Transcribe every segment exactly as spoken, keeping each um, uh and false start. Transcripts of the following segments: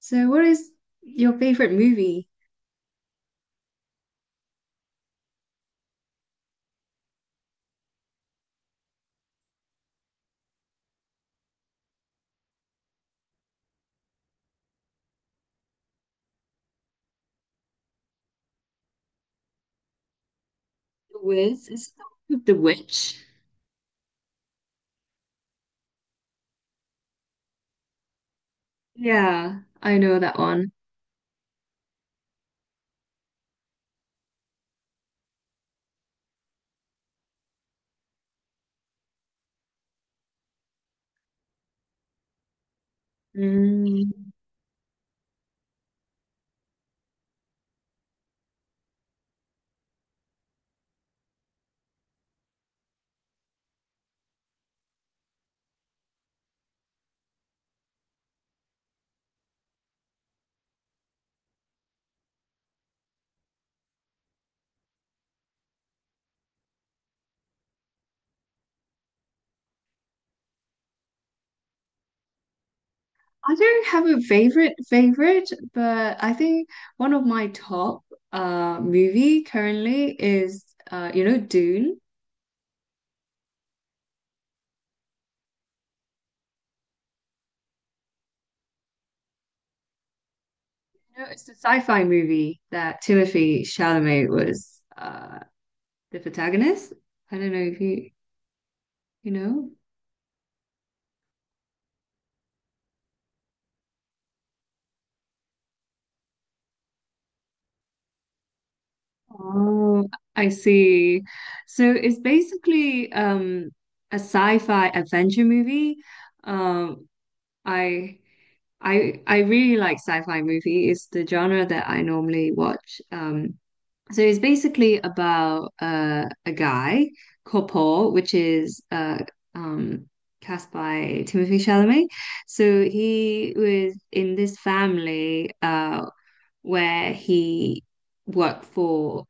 So, what is your favorite movie? The Wiz, is it the one with the witch? Yeah, I know that one. Mm. I don't have a favorite favorite, but I think one of my top uh movie currently is uh you know Dune. You know, it's the sci-fi movie that Timothy Chalamet was uh the protagonist. I don't know if you you know. Oh, I see. So it's basically um a sci-fi adventure movie. Um, I I I really like sci-fi movie. It's the genre that I normally watch. Um, so it's basically about uh, a guy called Paul, which is uh um cast by Timothy Chalamet. So he was in this family uh where he worked for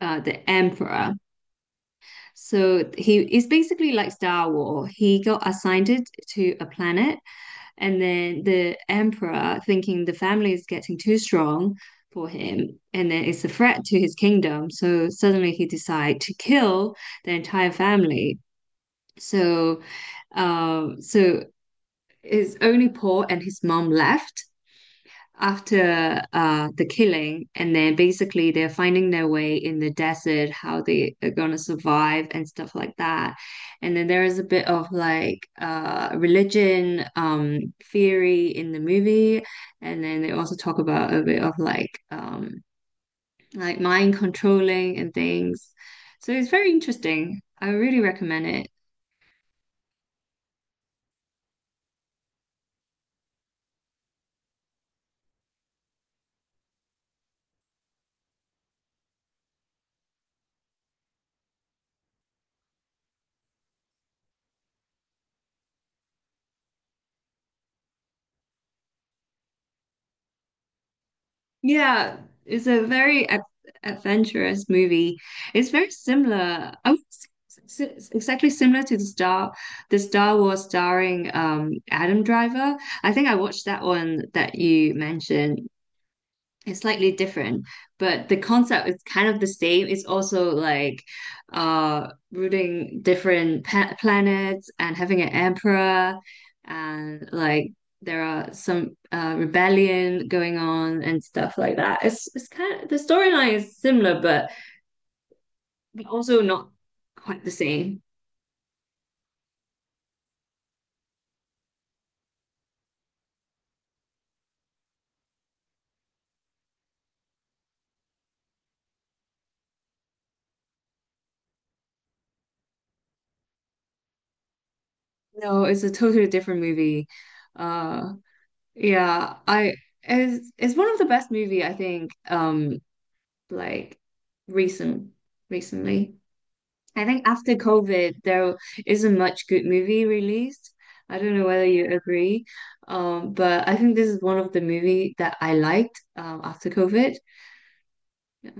uh, the emperor. So he is basically like Star Wars. He got assigned it to a planet, and then the emperor, thinking the family is getting too strong for him, and then it's a threat to his kingdom. So suddenly he decide to kill the entire family. So, um, so his only Paul and his mom left after uh, the killing, and then basically they're finding their way in the desert, how they are gonna survive and stuff like that. And then there is a bit of like uh, religion um, theory in the movie, and then they also talk about a bit of like um, like mind controlling and things. So it's very interesting. I really recommend it. Yeah, it's a very ad adventurous movie. It's very similar. I would say it's it's exactly similar to the Star, the Star Wars starring um Adam Driver. I think I watched that one that you mentioned. It's slightly different, but the concept is kind of the same. It's also like uh rooting different pa planets and having an emperor and like there are some uh rebellion going on and stuff like that. It's it's kind of the storyline is similar but but also not quite the same. No, it's a totally different movie. Uh yeah, I it's, it's one of the best movie I think um like recent recently. I think after COVID, there isn't much good movie released. I don't know whether you agree, um, but I think this is one of the movie that I liked um, after COVID. Yeah,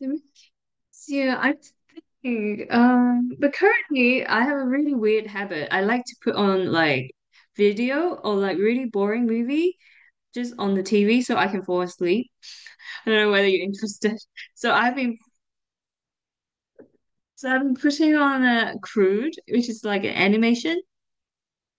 That makes- yeah, I'm thinking. Um, but currently, I have a really weird habit. I like to put on like video or like really boring movie just on the T V so I can fall asleep. I don't know whether you're interested. So I've been So I'm putting on a crude, which is like an animation.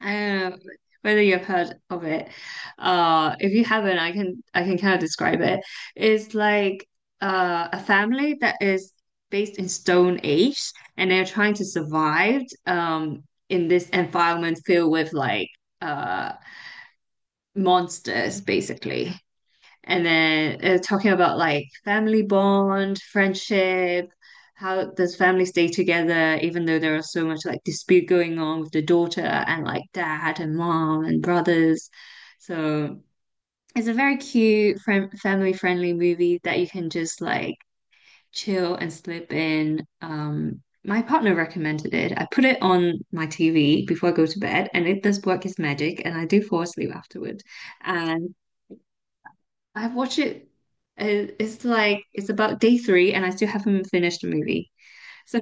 Um, whether you've heard of it. Uh, if you haven't, I can I can kind of describe it. It's like uh, a family that is based in Stone Age, and they're trying to survive um in this environment filled with like uh monsters, basically. And then uh, talking about like family bond, friendship, how does family stay together even though there are so much like dispute going on with the daughter and like dad and mom and brothers. So it's a very cute friend family friendly movie that you can just like chill and slip in. Um, my partner recommended it. I put it on my T V before I go to bed, and it does work its magic, and I do fall asleep afterward. I watch it. uh, It's like it's about day three, and I still haven't finished the movie. So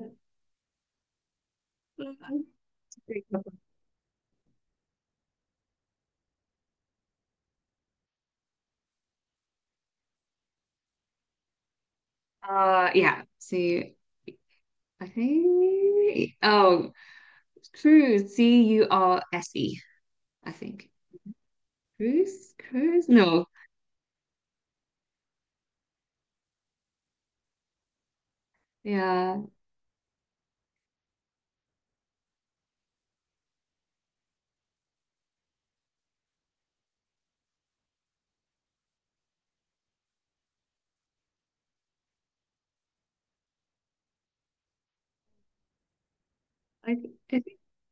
uh, yeah. So I think oh, Cruise, C U R S E. I think Cruise, Cruise. No, yeah. I th- I think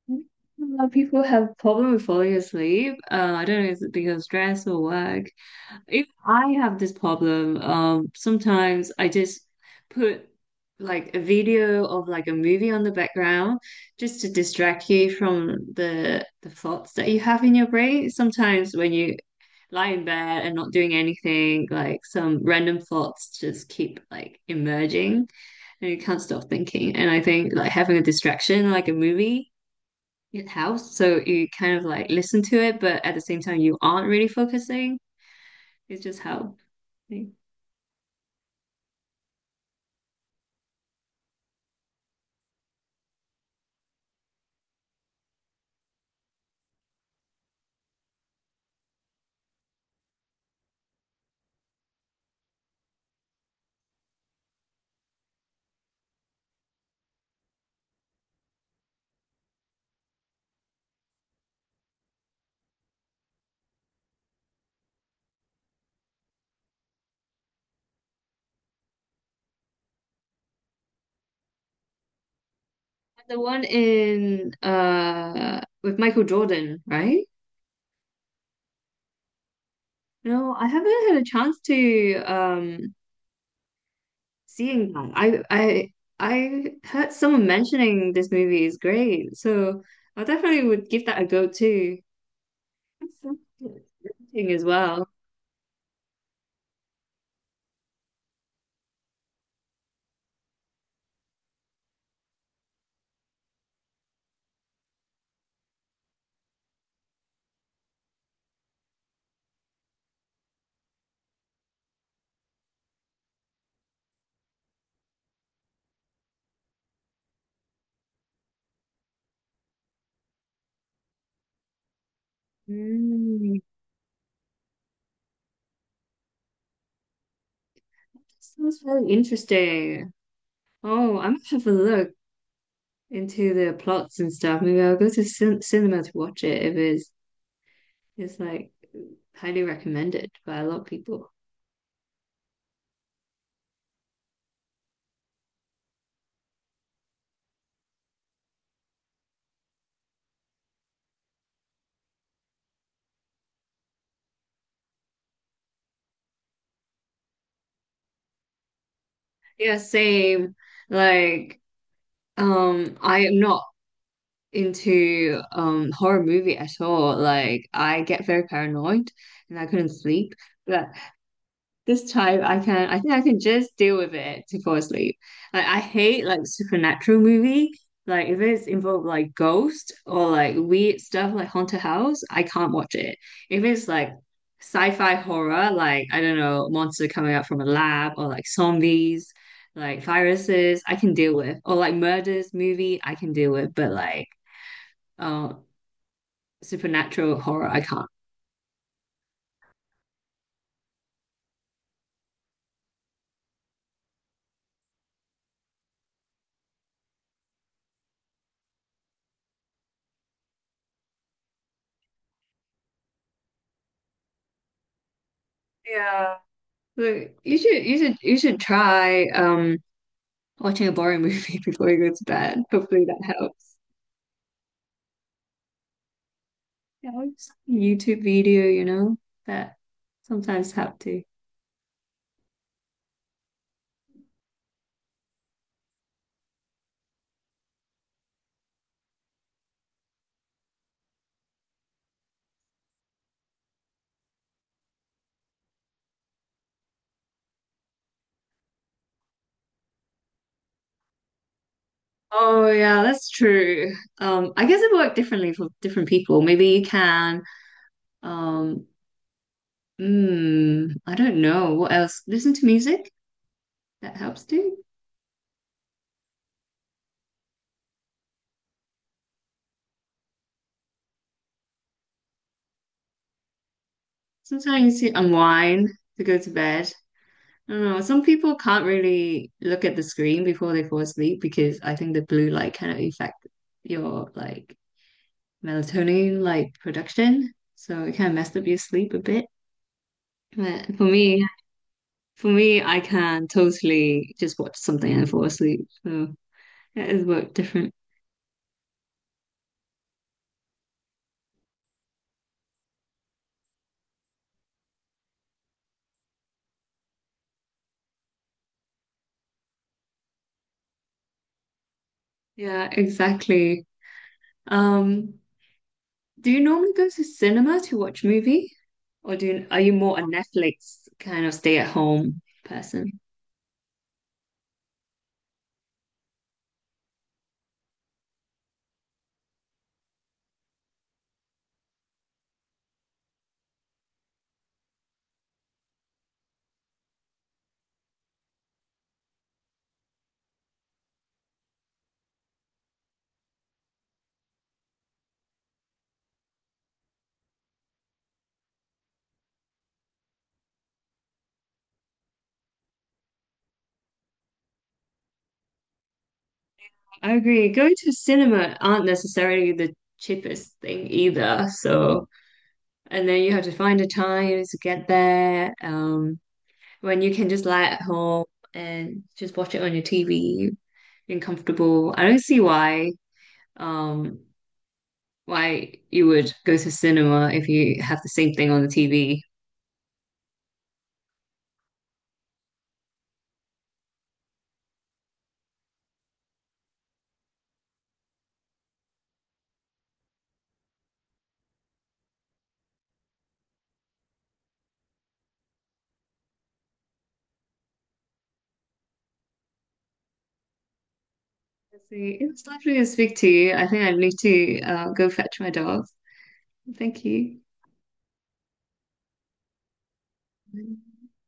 a lot of people have problem with falling asleep. Uh, I don't know, is it because of stress or work? If I have this problem, um, sometimes I just put like a video of like a movie on the background just to distract you from the the thoughts that you have in your brain. Sometimes when you lie in bed and not doing anything, like some random thoughts just keep like emerging and you can't stop thinking. And I think like having a distraction, like a movie, it helps. So you kind of like listen to it, but at the same time you aren't really focusing. It's just how. Like, The one in uh with Michael Jordan, right? No, I haven't had a chance to um seeing that. I I I heard someone mentioning this movie is great, so I definitely would give that a go too. That's so good. Interesting as well. Mm, sounds really interesting. Oh, I'm gonna have a look into the plots and stuff. Maybe I'll go to cin cinema to watch it if it's it's like highly recommended by a lot of people. Yeah, same. Like, um, I am not into um horror movie at all. Like, I get very paranoid and I couldn't sleep. This time I can, I think I can just deal with it to fall asleep. Like I hate like supernatural movie. Like if it's involved like ghost or like weird stuff like Haunted House, I can't watch it. If it's like sci-fi horror, like I don't know, monster coming out from a lab or like zombies, like viruses, I can deal with. Or like murders movie, I can deal with, but like uh supernatural horror, I can't. Yeah. Look, you should you should you should try um watching a boring movie before you go to bed. Hopefully that helps. Helps. YouTube video, you know, that sometimes help too. Oh yeah, that's true. Um, I guess it worked differently for different people. Maybe you can, um, mm, I don't know what else. Listen to music, that helps too. Sometimes you unwind to go to bed. I don't know. Some people can't really look at the screen before they fall asleep because I think the blue light kind of affect your like melatonin like production, so it can mess up your sleep a bit. But for me, for me, I can totally just watch something and fall asleep. So it is work different. Yeah, exactly. Um, do you normally go to cinema to watch movie, or do you, are you more a Netflix kind of stay at home person? I agree. Going to cinema aren't necessarily the cheapest thing either. So, and then you have to find the time to get there. Um, when you can just lie at home and just watch it on your T V and comfortable. I don't see why um why you would go to cinema if you have the same thing on the T V. Let's see. It was lovely to speak to you. I think I need to uh, go fetch my dog. Thank you.